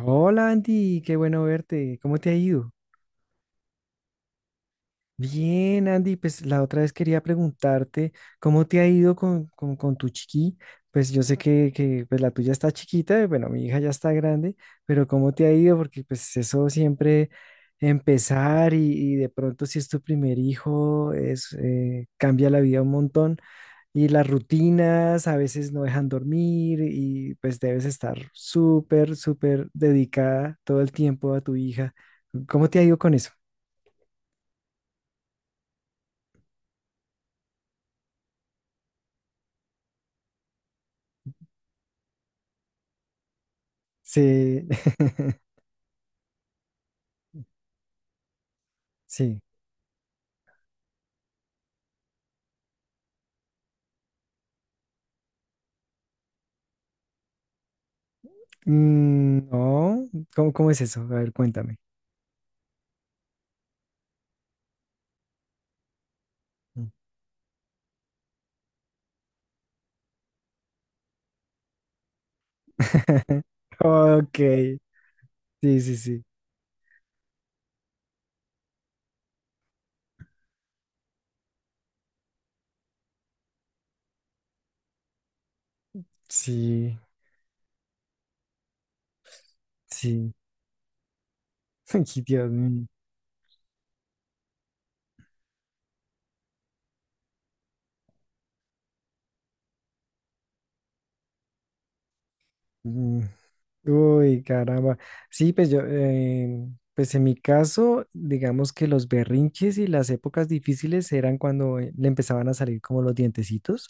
Hola Andy, qué bueno verte. ¿Cómo te ha ido? Bien, Andy, pues la otra vez quería preguntarte cómo te ha ido con tu chiqui. Pues yo sé que, pues, la tuya está chiquita, bueno, mi hija ya está grande, pero ¿cómo te ha ido? Porque pues eso siempre empezar y de pronto si es tu primer hijo, cambia la vida un montón. Y las rutinas a veces no dejan dormir y pues debes estar súper, súper dedicada todo el tiempo a tu hija. ¿Cómo te ha ido con eso? Sí, sí. Mm, no, cómo es eso? A ver, cuéntame. Mm. Ok, sí, sí, sí, sí, sí. Ay, Dios mío. Mm. Uy, caramba. Sí, pues yo, pues en mi caso, digamos que los berrinches y las épocas difíciles eran cuando le empezaban a salir como los dientecitos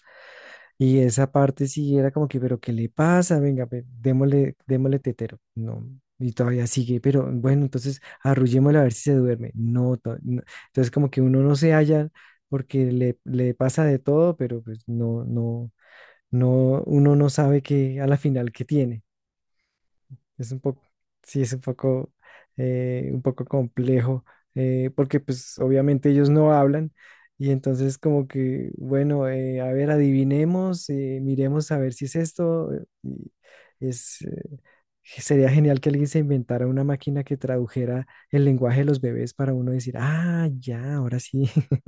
y esa parte sí era como que, pero ¿qué le pasa? Venga, ve, démosle, démosle tetero. No, y todavía sigue, pero bueno, entonces arrullémosle a ver si se duerme. No, no. Entonces como que uno no se halla porque le pasa de todo, pero pues no, no, no, uno no sabe que a la final qué tiene. Es un poco, sí, es un poco complejo, porque pues obviamente ellos no hablan y entonces como que, bueno, a ver, adivinemos, miremos a ver si es esto. Y es, eh, Sería genial que alguien se inventara una máquina que tradujera el lenguaje de los bebés para uno decir, ah, ya, ahora sí.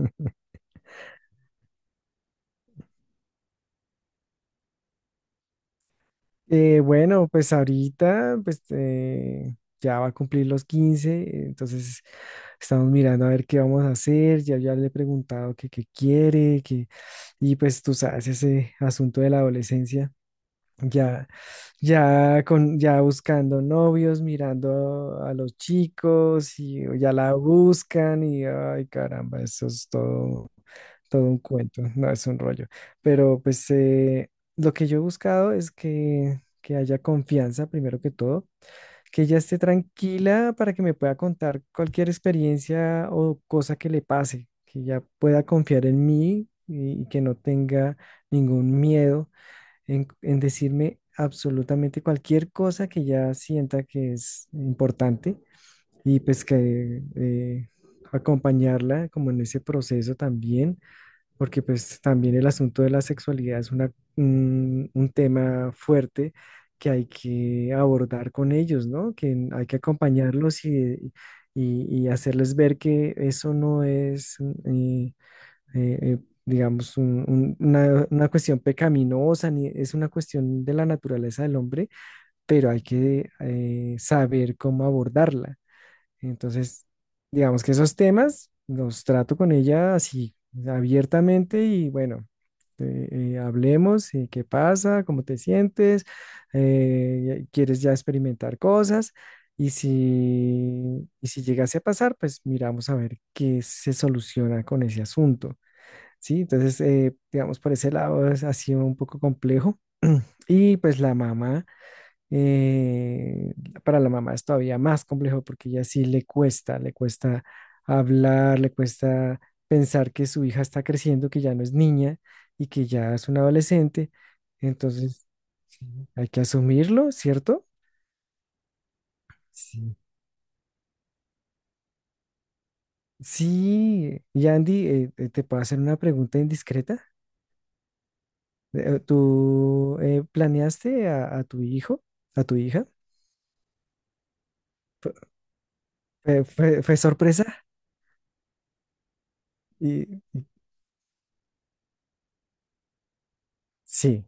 Bueno, pues ahorita pues, ya va a cumplir los 15, entonces estamos mirando a ver qué vamos a hacer, ya, ya le he preguntado que qué quiere, y pues tú sabes, ese asunto de la adolescencia, ya, ya, ya buscando novios, mirando a los chicos y ya la buscan y ay caramba, eso es todo todo un cuento, no es un rollo. Pero pues lo que yo he buscado es que haya confianza, primero que todo, que ella esté tranquila para que me pueda contar cualquier experiencia o cosa que le pase, que ella pueda confiar en mí y que no tenga ningún miedo en decirme absolutamente cualquier cosa que ella sienta que es importante y pues que acompañarla como en ese proceso también porque pues también el asunto de la sexualidad es un tema fuerte que hay que abordar con ellos, ¿no? Que hay que acompañarlos y hacerles ver que eso no es, eh, eh, eh, digamos, una cuestión pecaminosa, ni es una cuestión de la naturaleza del hombre, pero hay que saber cómo abordarla. Entonces, digamos que esos temas los trato con ella así, abiertamente y bueno, eh, hablemos, qué pasa, cómo te sientes, quieres ya experimentar cosas y si llegase a pasar, pues miramos a ver qué se soluciona con ese asunto, ¿sí? Entonces, digamos, por ese lado ha sido un poco complejo y pues la mamá. Eh, para la mamá es todavía más complejo porque ella sí le cuesta hablar, le cuesta pensar que su hija está creciendo, que ya no es niña y que ya es una adolescente. Entonces, sí, hay que asumirlo, ¿cierto? Sí. Sí, y Andy, te puedo hacer una pregunta indiscreta. ¿Tú planeaste a tu hijo, a tu hija? ¿Fue sorpresa? Y, y- sí,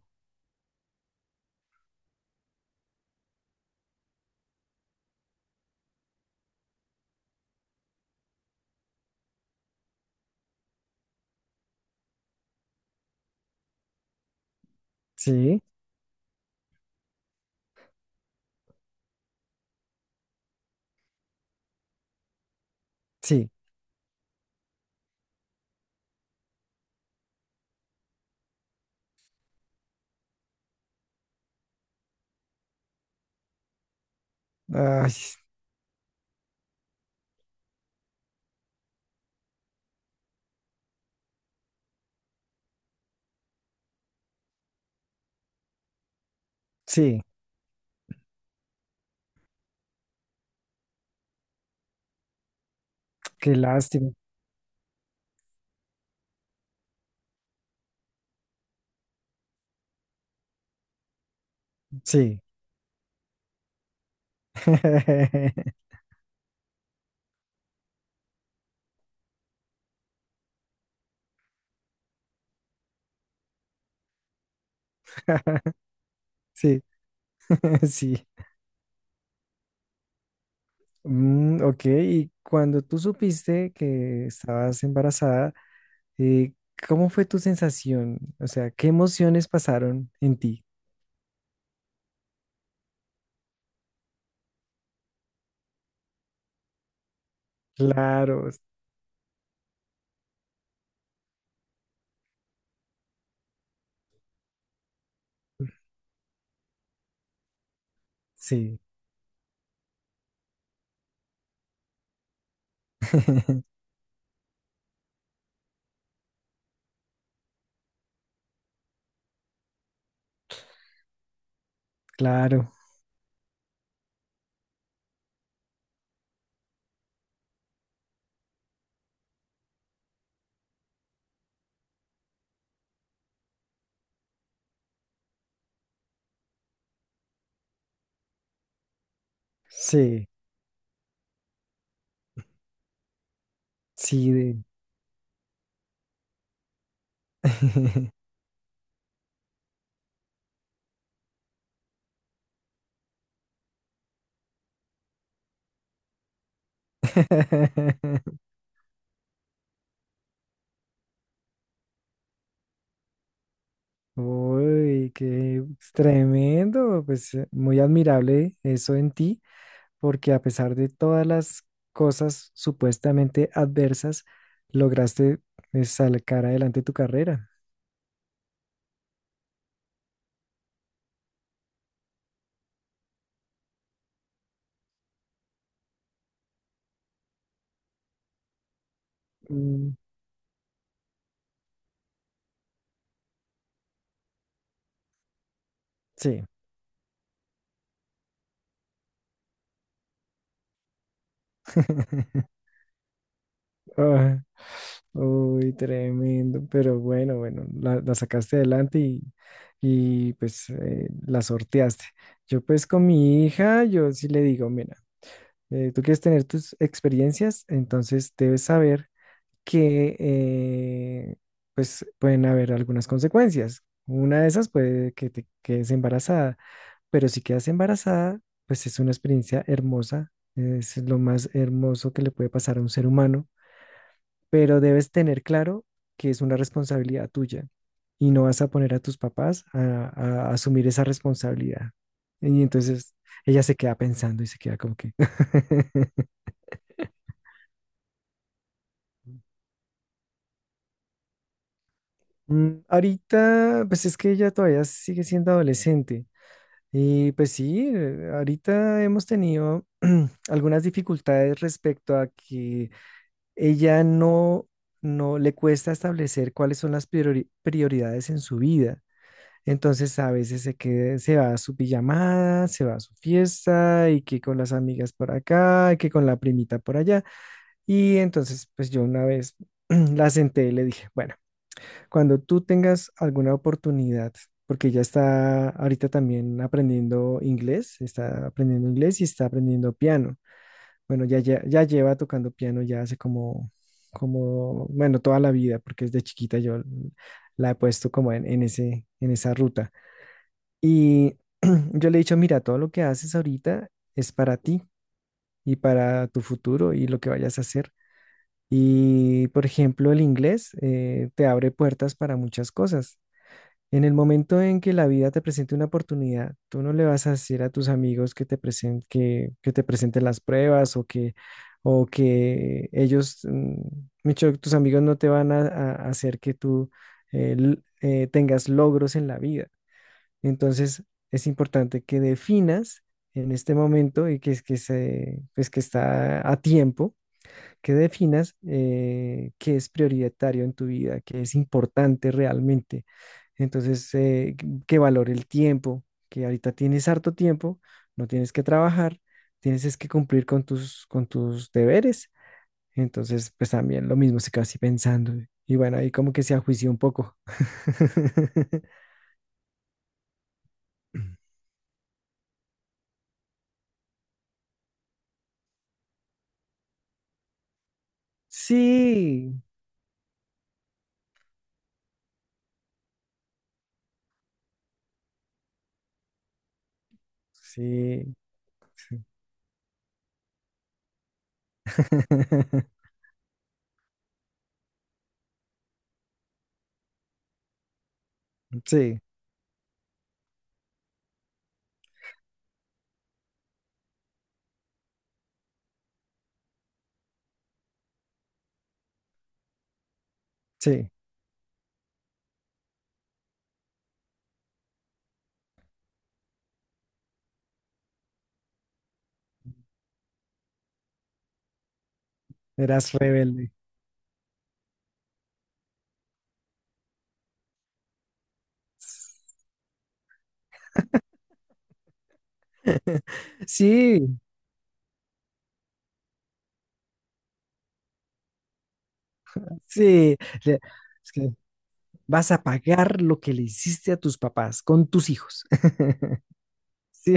sí, sí. Ay, sí, qué lástima. Sí. Sí, sí. Mm, ok, y cuando tú supiste que estabas embarazada, eh, ¿cómo fue tu sensación? O sea, ¿qué emociones pasaron en ti? Claro, sí. Claro, sí, sí. Uy, qué tremendo, pues muy admirable eso en ti. Porque a pesar de todas las cosas supuestamente adversas, lograste sacar adelante tu carrera. Mm, sí. Ah, uy, tremendo, pero bueno, bueno, la sacaste adelante pues la sorteaste. Yo pues con mi hija, yo sí le digo, mira, tú quieres tener tus experiencias, entonces debes saber que pues pueden haber algunas consecuencias. Una de esas puede que te quedes embarazada, pero si quedas embarazada, pues es una experiencia hermosa, es lo más hermoso que le puede pasar a un ser humano, pero debes tener claro que es una responsabilidad tuya y no vas a poner a tus papás a asumir esa responsabilidad. Y entonces ella se queda pensando y se queda como que. Mm, ahorita, pues es que ella todavía sigue siendo adolescente. Y pues sí, ahorita hemos tenido algunas dificultades respecto a que ella no le cuesta establecer cuáles son las prioridades en su vida. Entonces a veces se va a su pijamada, se va a su fiesta y que con las amigas por acá, y que con la primita por allá. Y entonces pues yo una vez la senté y le dije, bueno. Cuando tú tengas alguna oportunidad, porque ya está ahorita también aprendiendo inglés, está aprendiendo inglés y está aprendiendo piano. Bueno, ya, ya, ya lleva tocando piano ya hace como, bueno, toda la vida, porque desde chiquita yo la he puesto como en esa ruta. Y yo le he dicho, mira, todo lo que haces ahorita es para ti y para tu futuro y lo que vayas a hacer. Y, por ejemplo, el inglés te abre puertas para muchas cosas. En el momento en que la vida te presente una oportunidad, tú no le vas a decir a tus amigos que te que te presenten las pruebas o o que ellos, mucho, tus amigos no te van a hacer que tú tengas logros en la vida. Entonces, es importante que definas en este momento y que, es- que, se, pues que está a tiempo que definas qué es prioritario en tu vida, qué es importante realmente. Entonces, que valore el tiempo, que ahorita tienes harto tiempo, no tienes que trabajar, tienes es que cumplir con tus, deberes. Entonces, pues también lo mismo se quedó así pensando. Y bueno, ahí como que se ajuició un poco. Sí, sí. Sí, sí, eras rebelde. Sí, sí, le- es que vas a pagar lo que le hiciste a tus papás con tus hijos. Sí.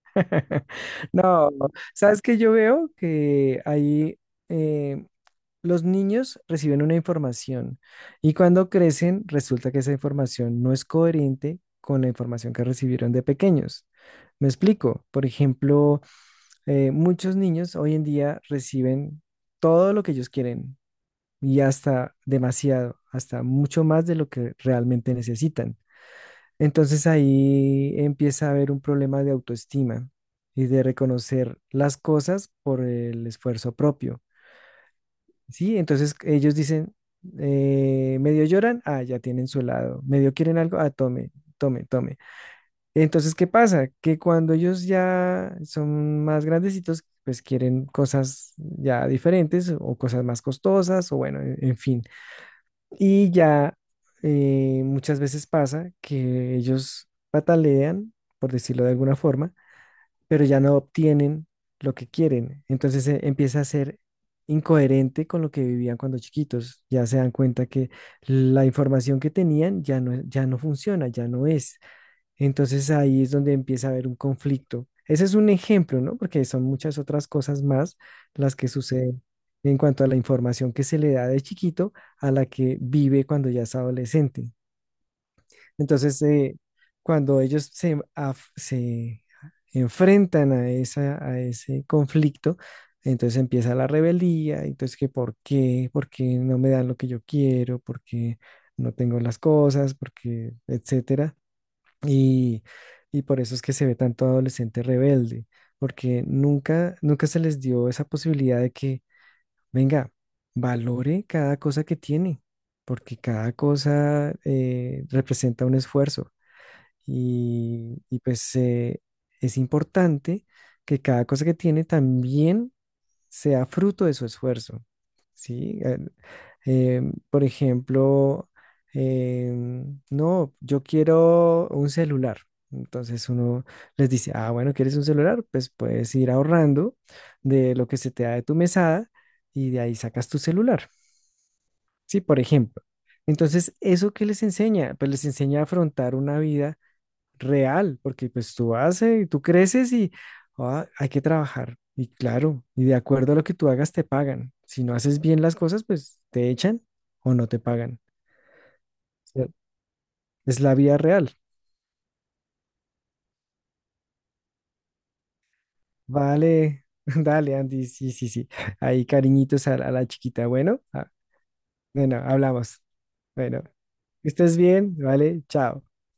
No, sabes que yo veo que ahí eh, los niños reciben una información y cuando crecen resulta que esa información no es coherente con la información que recibieron de pequeños. Me explico. Por ejemplo, muchos niños hoy en día reciben todo lo que ellos quieren. Y hasta demasiado, hasta mucho más de lo que realmente necesitan. Entonces ahí empieza a haber un problema de autoestima y de reconocer las cosas por el esfuerzo propio. Sí, entonces ellos dicen, medio lloran, ah, ya tienen su helado, medio quieren algo, ah, tome, tome, tome. Entonces, ¿qué pasa? Que cuando ellos ya son más grandecitos, pues quieren cosas ya diferentes o cosas más costosas o bueno, en fin. Y ya muchas veces pasa que ellos patalean, por decirlo de alguna forma, pero ya no obtienen lo que quieren. Entonces empieza a ser incoherente con lo que vivían cuando chiquitos. Ya se dan cuenta que la información que tenían ya no, ya no funciona, ya no es. Entonces ahí es donde empieza a haber un conflicto. Ese es un ejemplo, ¿no? Porque son muchas otras cosas más las que suceden en cuanto a la información que se le da de chiquito a la que vive cuando ya es adolescente. Entonces, cuando ellos se enfrentan a ese conflicto, entonces empieza la rebeldía, entonces que por qué, no me dan lo que yo quiero, por qué no tengo las cosas, por qué, etcétera. Y, y por eso es que se ve tanto adolescente rebelde, porque nunca, nunca se les dio esa posibilidad de que, venga, valore cada cosa que tiene, porque cada cosa representa un esfuerzo. Y pues es importante que cada cosa que tiene también sea fruto de su esfuerzo. ¿Sí? Eh, por ejemplo, eh, no, yo quiero un celular. Entonces uno les dice, ah, bueno, ¿quieres un celular? Pues puedes ir ahorrando de lo que se te da de tu mesada y de ahí sacas tu celular, ¿sí? Por ejemplo. Entonces, ¿eso qué les enseña? Pues les enseña a afrontar una vida real, porque pues tú haces, tú creces y ah, hay que trabajar. Y claro, y de acuerdo a lo que tú hagas te pagan. Si no haces bien las cosas, pues te echan o no te pagan. O sea, es la vida real. Vale, dale, Andy, sí, sí, sí. Ahí cariñitos a la chiquita. Bueno, ah, bueno, hablamos. Bueno, que estés bien, vale, chao.